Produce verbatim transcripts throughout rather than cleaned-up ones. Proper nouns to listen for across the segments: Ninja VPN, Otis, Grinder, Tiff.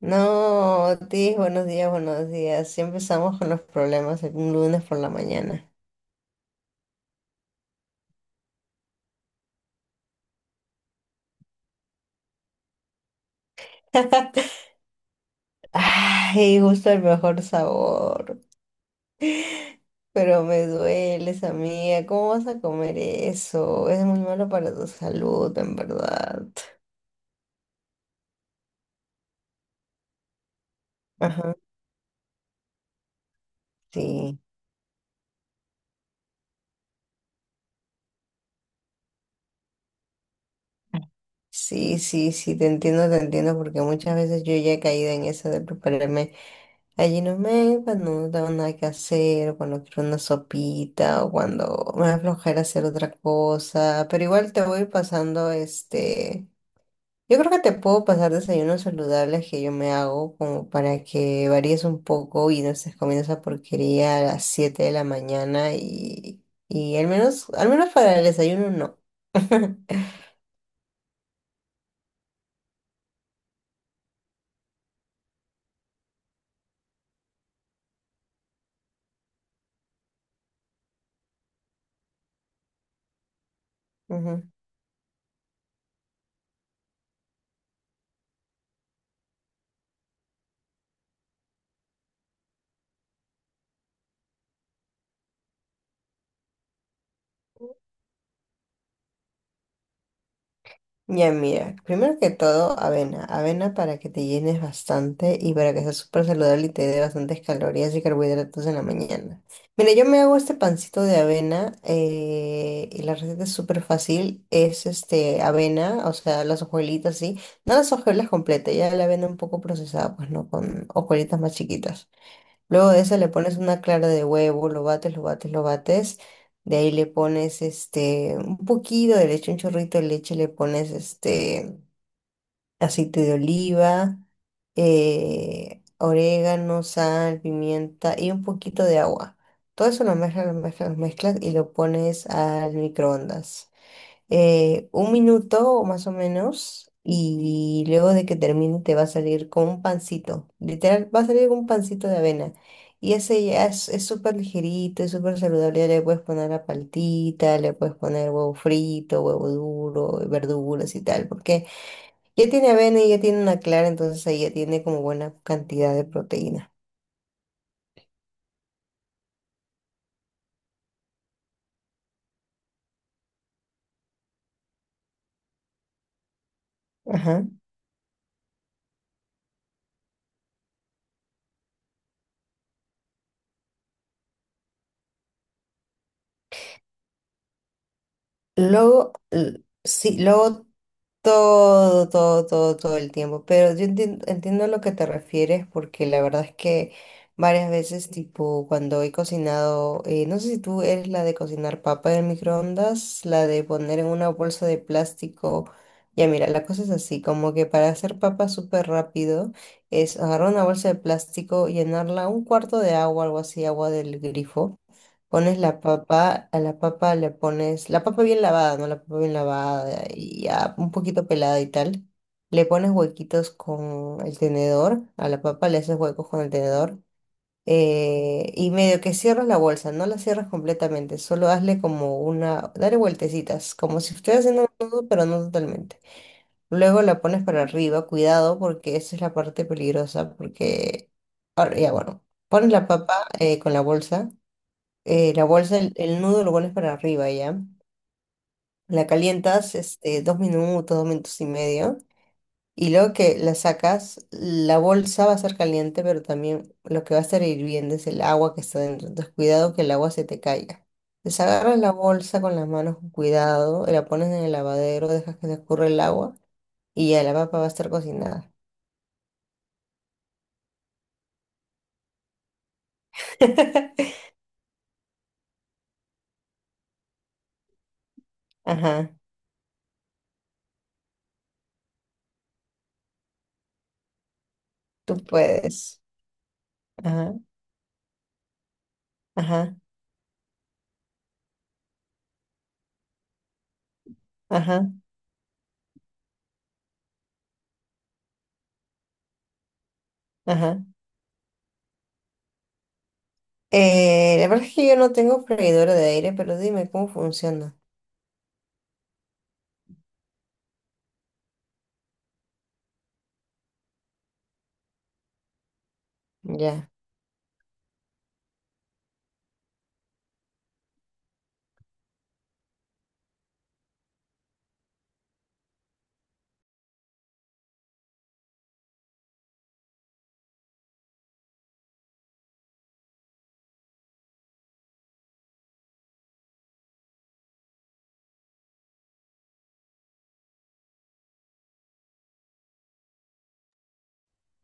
No, Otis, buenos días, buenos días. Sí empezamos con los problemas el lunes por la mañana. Ay, justo el mejor sabor, pero me dueles, amiga. ¿Cómo vas a comer eso? Es muy malo para tu salud, en verdad. Ajá. Sí, sí, sí, sí, te entiendo, te entiendo, porque muchas veces yo ya he caído en eso de prepararme. Allí no me, cuando no tengo nada que hacer, o cuando quiero una sopita, o cuando me da flojera hacer otra cosa, pero igual te voy pasando este. Yo creo que te puedo pasar desayunos saludables que yo me hago como para que varíes un poco y no estés comiendo esa porquería a las siete de la mañana y, y al menos, al menos para el desayuno no. Ujú. Ya mira, primero que todo, avena. Avena para que te llenes bastante y para que sea súper saludable y te dé bastantes calorías y carbohidratos en la mañana. Mira, yo me hago este pancito de avena eh, y la receta es súper fácil. Es este avena, o sea, las hojuelitas, sí. No las hojuelas completas, ya la avena un poco procesada, pues no, con hojuelitas más chiquitas. Luego de eso le pones una clara de huevo, lo bates, lo bates, lo bates. De ahí le pones este un poquito de leche, un chorrito de leche, le pones este aceite de oliva, eh, orégano, sal, pimienta y un poquito de agua. Todo eso lo mezclas, lo mezclas, lo mezclas y lo pones al microondas eh, un minuto o más o menos y luego de que termine te va a salir con un pancito. Literal, va a salir con un pancito de avena. Y ese ya es, es súper ligerito, es súper saludable. ya Le puedes poner la paltita, le puedes poner huevo frito, huevo duro, verduras y tal, porque ya tiene avena y ya tiene una clara, entonces ahí ya tiene como buena cantidad de proteína. Ajá. Luego, l- sí, luego Todo, todo, todo, todo el tiempo. Pero yo entiendo, entiendo a lo que te refieres porque la verdad es que varias veces, tipo, cuando he cocinado, eh, no sé si tú eres la de cocinar papa en el microondas, la de poner en una bolsa de plástico. Ya mira, la cosa es así, como que para hacer papa súper rápido es agarrar una bolsa de plástico, llenarla un cuarto de agua, algo así, agua del grifo. Pones la papa, a la papa le pones, la papa bien lavada, ¿no? La papa bien lavada y ya un poquito pelada y tal. Le pones huequitos con el tenedor, a la papa le haces huecos con el tenedor. eh, y medio que cierras la bolsa, no la cierras completamente, solo hazle como una, dale vueltecitas, como si estuvieras haciendo un nudo, pero no totalmente. Luego la pones para arriba, cuidado, porque esa es la parte peligrosa, porque, ahora, ya bueno, pones la papa eh, con la bolsa eh, la bolsa, el, el nudo lo pones para arriba ya. La calientas este, dos minutos, dos minutos y medio. Y luego que la sacas, la bolsa va a estar caliente, pero también lo que va a estar hirviendo es el agua que está dentro. Entonces, cuidado que el agua se te caiga. Desagarras la bolsa con las manos con cuidado, la pones en el lavadero, dejas que se escurra el agua y ya la papa va a estar cocinada. Ajá, tú puedes. Ajá, ajá, ajá, ajá. Eh, la verdad es que yo no tengo freidora de aire, pero dime cómo funciona. Ya.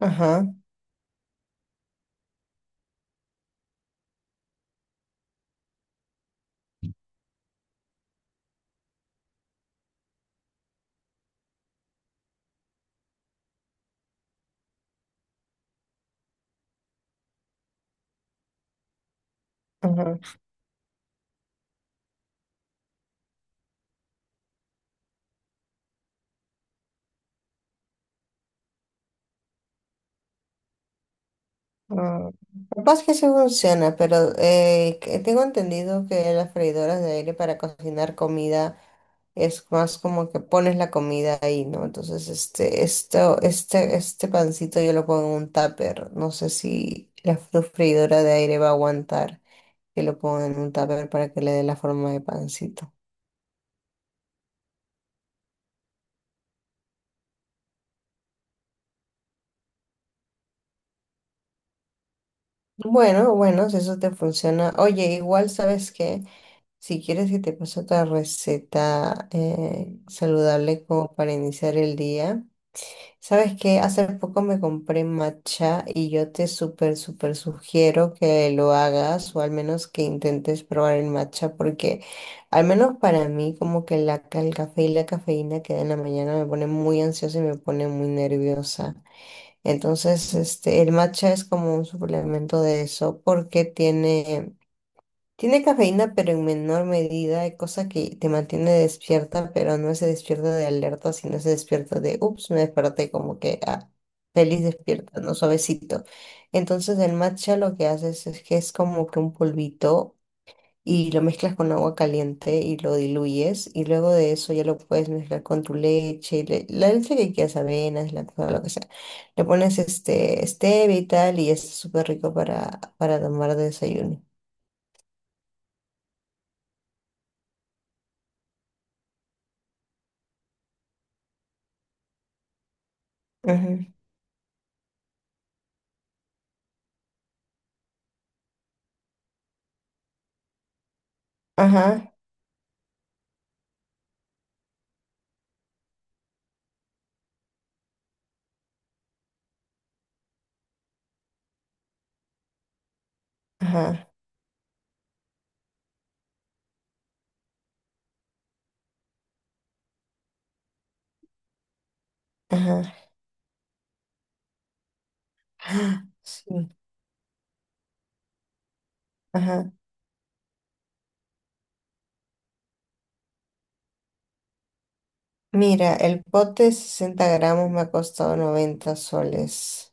Ajá, ajá. ah, Capaz que sí funciona, pero eh, que tengo entendido que las freidoras de aire para cocinar comida es más como que pones la comida ahí, ¿no? Entonces, este, esto, este, este pancito yo lo pongo en un tupper. No sé si la fr- freidora de aire va a aguantar que lo ponga en un tupper para que le dé la forma de pancito. Bueno, bueno, si eso te funciona. Oye, igual sabes que si quieres que te pase otra receta eh, saludable como para iniciar el día, sabes que hace poco me compré matcha y yo te súper, súper sugiero que lo hagas o al menos que intentes probar el matcha porque al menos para mí como que la, ca- el café y la cafeína que da en la mañana me pone muy ansiosa y me pone muy nerviosa. Entonces, este, el matcha es como un suplemento de eso porque tiene, tiene cafeína, pero en menor medida, hay cosa que te mantiene despierta, pero no se despierta de alerta, sino se despierta de, ups, me desperté como que ah, feliz despierta, ¿no? Suavecito. Entonces, el matcha lo que haces es que es como que un polvito y lo mezclas con agua caliente y lo diluyes y luego de eso ya lo puedes mezclar con tu leche, le- la leche que quieras, avenas, lactosa, lo que sea. Le pones este stevia y tal y ya está súper rico para, para tomar de desayuno. Ujú. Ajá, ajá, ajá. Ah, Sí, ajá. Mira, el pote de sesenta gramos me ha costado noventa soles.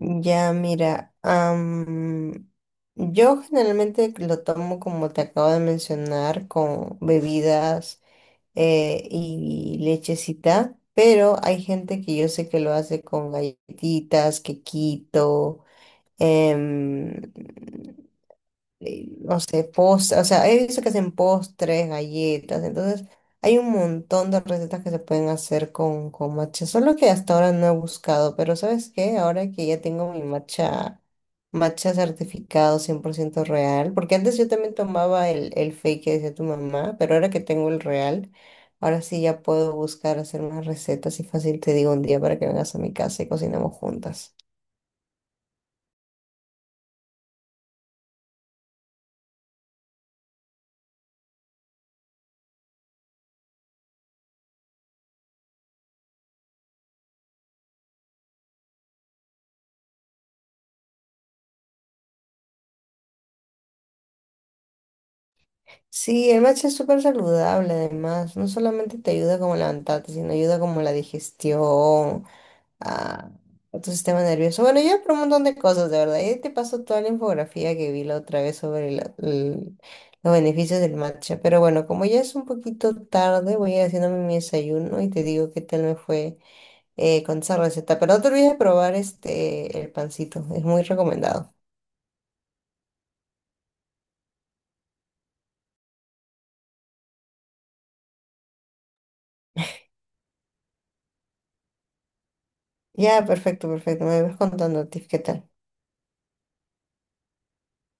Ya, mira, am, yo generalmente lo tomo como te acabo de mencionar, con bebidas eh, y lechecita, pero hay gente que yo sé que lo hace con galletitas, quequito, em, eh, no sé, postres, o sea, he visto que hacen postres, galletas, entonces hay un montón de recetas que se pueden hacer con, con matcha, solo que hasta ahora no he buscado, pero ¿sabes qué? Ahora que ya tengo mi matcha, matcha certificado cien por ciento real, porque antes yo también tomaba el, el fake que decía tu mamá, pero ahora que tengo el real, ahora sí ya puedo buscar hacer más recetas y fácil te digo un día para que vengas a mi casa y cocinemos juntas. Sí, el matcha es súper saludable además, no solamente te ayuda como a levantarte, sino ayuda como a la digestión, a, a tu sistema nervioso. Bueno, ya por un montón de cosas, de verdad. Y te paso toda la infografía que vi la otra vez sobre la- el- los beneficios del matcha. Pero bueno, como ya es un poquito tarde, voy a ir haciéndome mi desayuno y te digo qué tal me fue eh, con esa receta. Pero no te olvides de probar este, el pancito, es muy recomendado. Ya, perfecto, perfecto. Me vas contando, Tiff, qué tal.